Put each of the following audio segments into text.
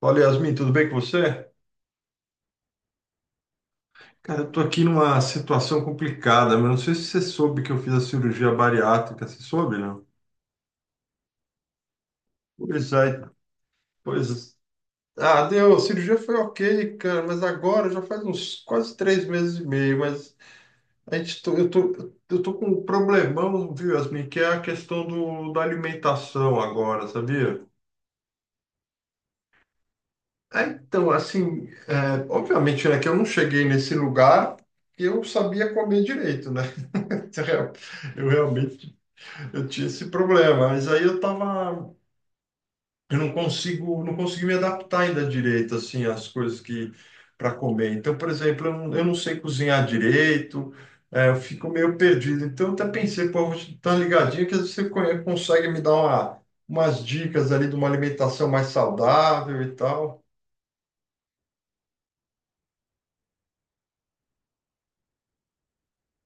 Fala, Yasmin, tudo bem com você? Cara, eu tô aqui numa situação complicada, mas não sei se você soube que eu fiz a cirurgia bariátrica, você soube, não? Pois é, pois é. Ah, deu, a cirurgia foi ok, cara, mas agora já faz uns quase 3 meses e meio, mas a gente tô, eu tô, eu tô com um problemão, viu, Yasmin, que é a questão da alimentação agora, sabia? Ah, então, assim, obviamente, né, que eu não cheguei nesse lugar que eu sabia comer direito, né? Eu Eu tinha esse problema, mas eu não consigo, não consegui me adaptar ainda direito assim às coisas que para comer. Então, por exemplo, eu não sei cozinhar direito, eu fico meio perdido. Então, eu até pensei, pô, eu vou te dar uma ligadinha que às vezes você consegue me dar umas dicas ali de uma alimentação mais saudável e tal,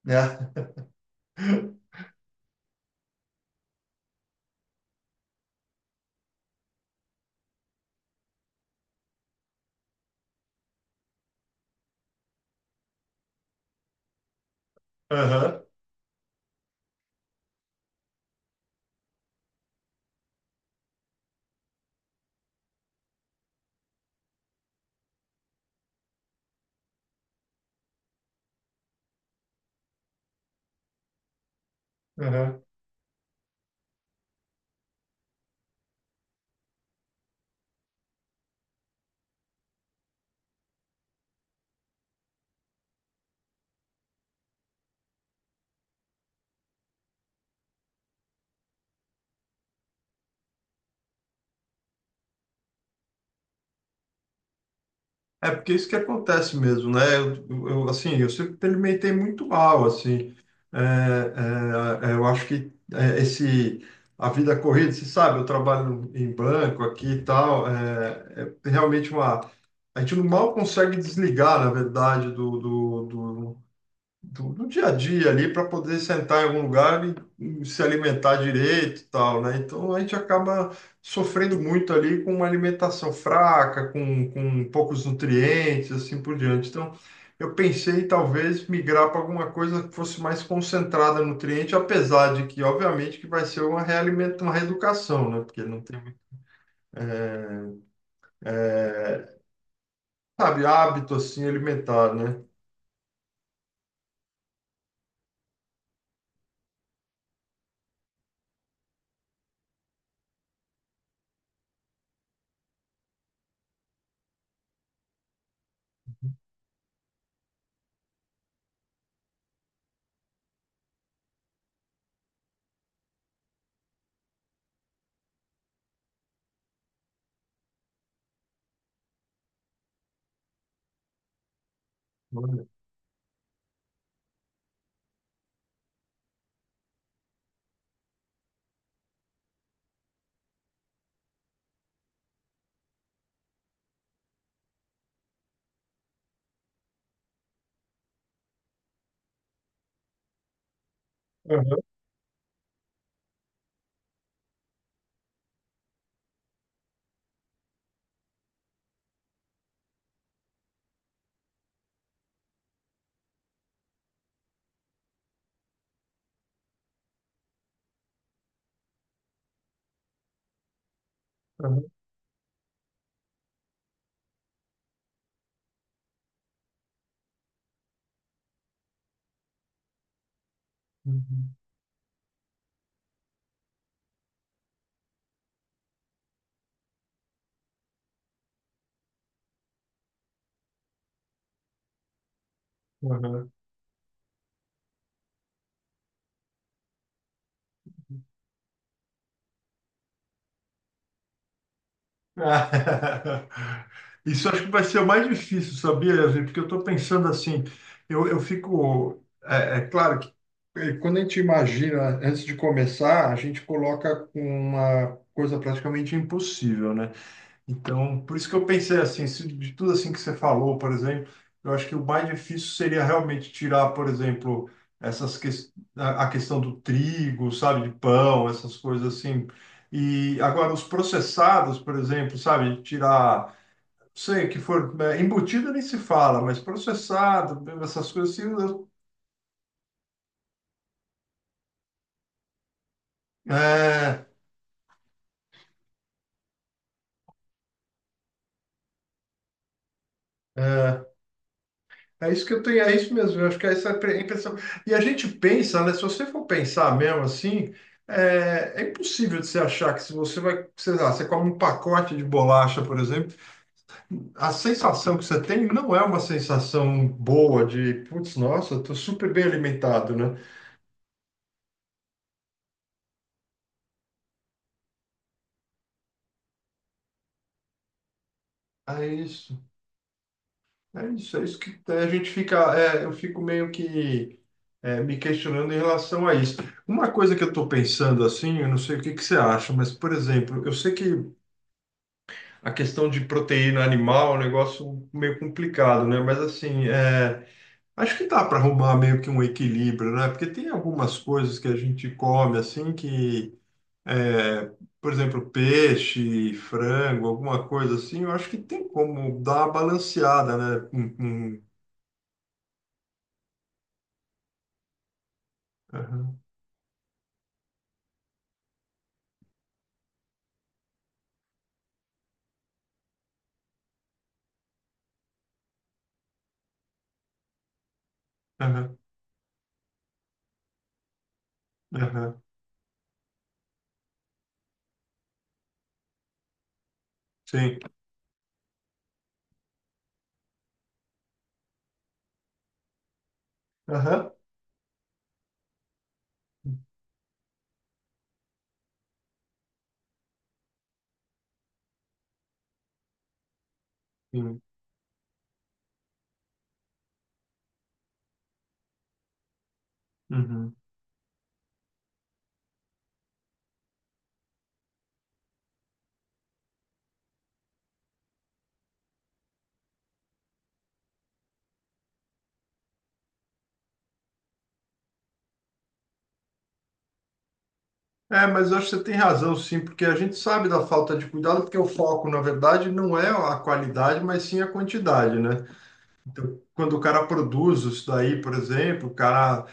né? Aham, aham. É porque é isso que acontece mesmo, né? Assim, eu sempre alimentei muito mal, assim. É, eu acho que esse a vida corrida, você sabe, eu trabalho em banco aqui e tal, é realmente uma a gente não mal consegue desligar, na verdade, do dia a dia ali para poder sentar em algum lugar e se alimentar direito e tal, né? Então a gente acaba sofrendo muito ali com uma alimentação fraca, com poucos nutrientes, assim por diante. Então eu pensei talvez migrar para alguma coisa que fosse mais concentrada em nutriente, apesar de que, obviamente, que vai ser uma uma reeducação, né? Porque não tem, é, é, sabe, hábito assim alimentar, né? Olha. Aham, aham, uhum, aham. Ah, isso acho que vai ser o mais difícil, sabia, Yasmin? Porque eu estou pensando assim, eu fico. É, é claro que quando a gente imagina, antes de começar, a gente coloca com uma coisa praticamente impossível, né? Então, por isso que eu pensei assim, se de tudo assim que você falou, por exemplo, eu acho que o mais difícil seria realmente tirar, por exemplo, essas que... a questão do trigo, sabe, de pão, essas coisas assim. E agora os processados, por exemplo, sabe, tirar, não sei, que for embutido nem se fala, mas processado, essas coisas assim, é, é, é isso que eu tenho, é isso mesmo. Eu acho que essa é a impressão. E a gente pensa, né? Se você for pensar mesmo assim, é impossível de você achar que se você vai, sei lá, você come um pacote de bolacha, por exemplo, a sensação que você tem não é uma sensação boa de, putz, nossa, eu tô super bem alimentado, né? É isso, é isso que a gente fica, eu fico meio que me questionando em relação a isso. Uma coisa que eu estou pensando assim, eu não sei o que que você acha, mas, por exemplo, eu sei que a questão de proteína animal é um negócio meio complicado, né? Mas assim, acho que dá para arrumar meio que um equilíbrio, né? Porque tem algumas coisas que a gente come assim que, é, por exemplo, peixe, frango, alguma coisa assim, eu acho que tem como dar uma balanceada, né? Hum. Aham, aham, aham. Sim. Aham. Sim. Uhum. É, mas eu acho que você tem razão, sim, porque a gente sabe da falta de cuidado, porque o foco, na verdade, não é a qualidade, mas sim a quantidade, né? Então, quando o cara produz isso daí, por exemplo,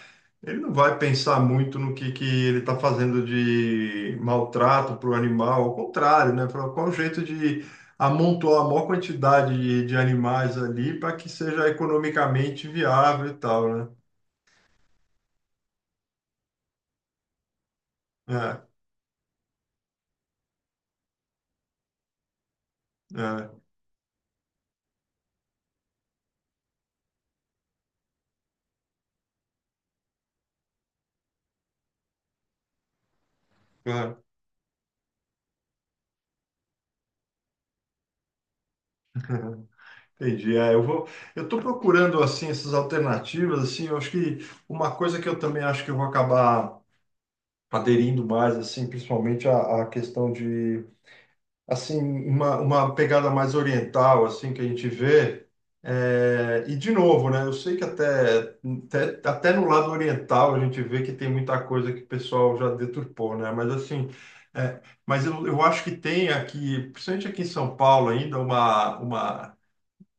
ele não vai pensar muito no que ele está fazendo de maltrato para o animal, ao contrário, né? Fala, qual o jeito de amontoar a maior quantidade de animais ali para que seja economicamente viável e tal, né? É, é, claro. Entendi. Eu estou procurando assim essas alternativas assim, eu acho que uma coisa que eu também acho que eu vou acabar aderindo mais assim, principalmente a questão de assim uma pegada mais oriental assim que a gente vê e de novo, né? Eu sei que até no lado oriental a gente vê que tem muita coisa que o pessoal já deturpou, né? Mas assim é, mas eu acho que tem aqui, principalmente aqui em São Paulo ainda, uma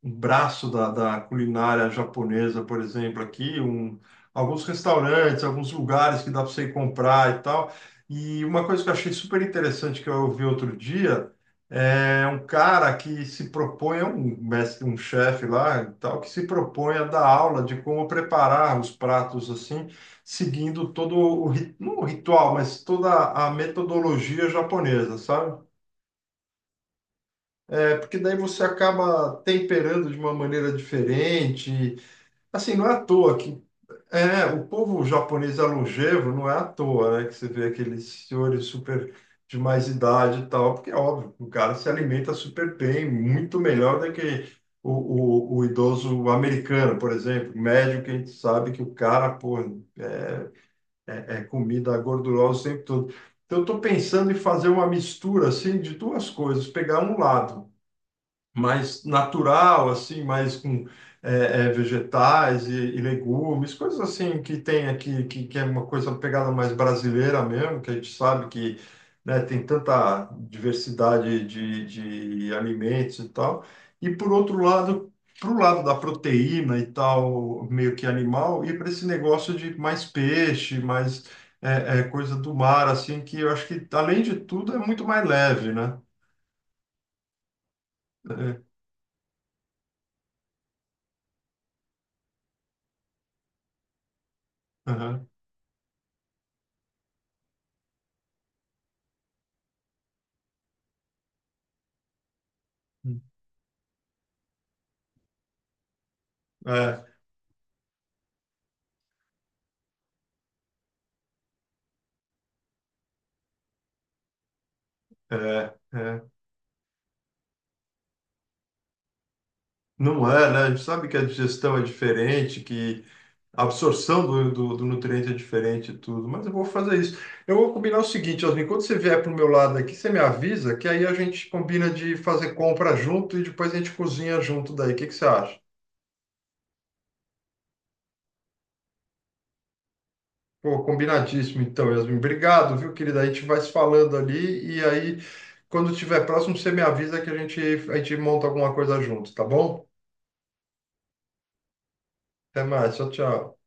um braço da culinária japonesa, por exemplo, aqui, um, alguns restaurantes, alguns lugares que dá para você ir comprar e tal. E uma coisa que eu achei super interessante que eu ouvi outro dia é um cara que se propõe, é um mestre, um chefe lá, e tal, que se propõe a dar aula de como preparar os pratos assim, seguindo todo o, não o ritual, mas toda a metodologia japonesa, sabe? É, porque daí você acaba temperando de uma maneira diferente. Assim, não é à toa que o povo japonês é longevo, não é à toa, né, que você vê aqueles senhores super de mais idade e tal, porque é óbvio, o cara se alimenta super bem, muito melhor do que o idoso americano, por exemplo, médio, que a gente sabe que o cara, pô, é, é comida gordurosa o tempo todo. Então, eu estou pensando em fazer uma mistura assim de duas coisas, pegar um lado mais natural, assim, mais com vegetais e legumes, coisas assim que tem aqui, que é uma coisa pegada mais brasileira mesmo, que a gente sabe que, né, tem tanta diversidade de alimentos e tal. E por outro lado, para o lado da proteína e tal, meio que animal, e para esse negócio de mais peixe, mais coisa do mar, assim, que eu acho que, além de tudo, é muito mais leve, né? É, aham. É. É, é. Não é, né? A gente sabe que a digestão é diferente, que a absorção do nutriente é diferente e tudo, mas eu vou fazer isso. Eu vou combinar o seguinte, Osmin, quando você vier para o meu lado aqui, você me avisa que aí a gente combina de fazer compra junto e depois a gente cozinha junto daí. O que que você acha? Pô, combinadíssimo então, Yasmin. Obrigado, viu, querida? A gente vai se falando ali e aí, quando tiver próximo, você me avisa que a gente monta alguma coisa junto, tá bom? Até mais, tchau, tchau.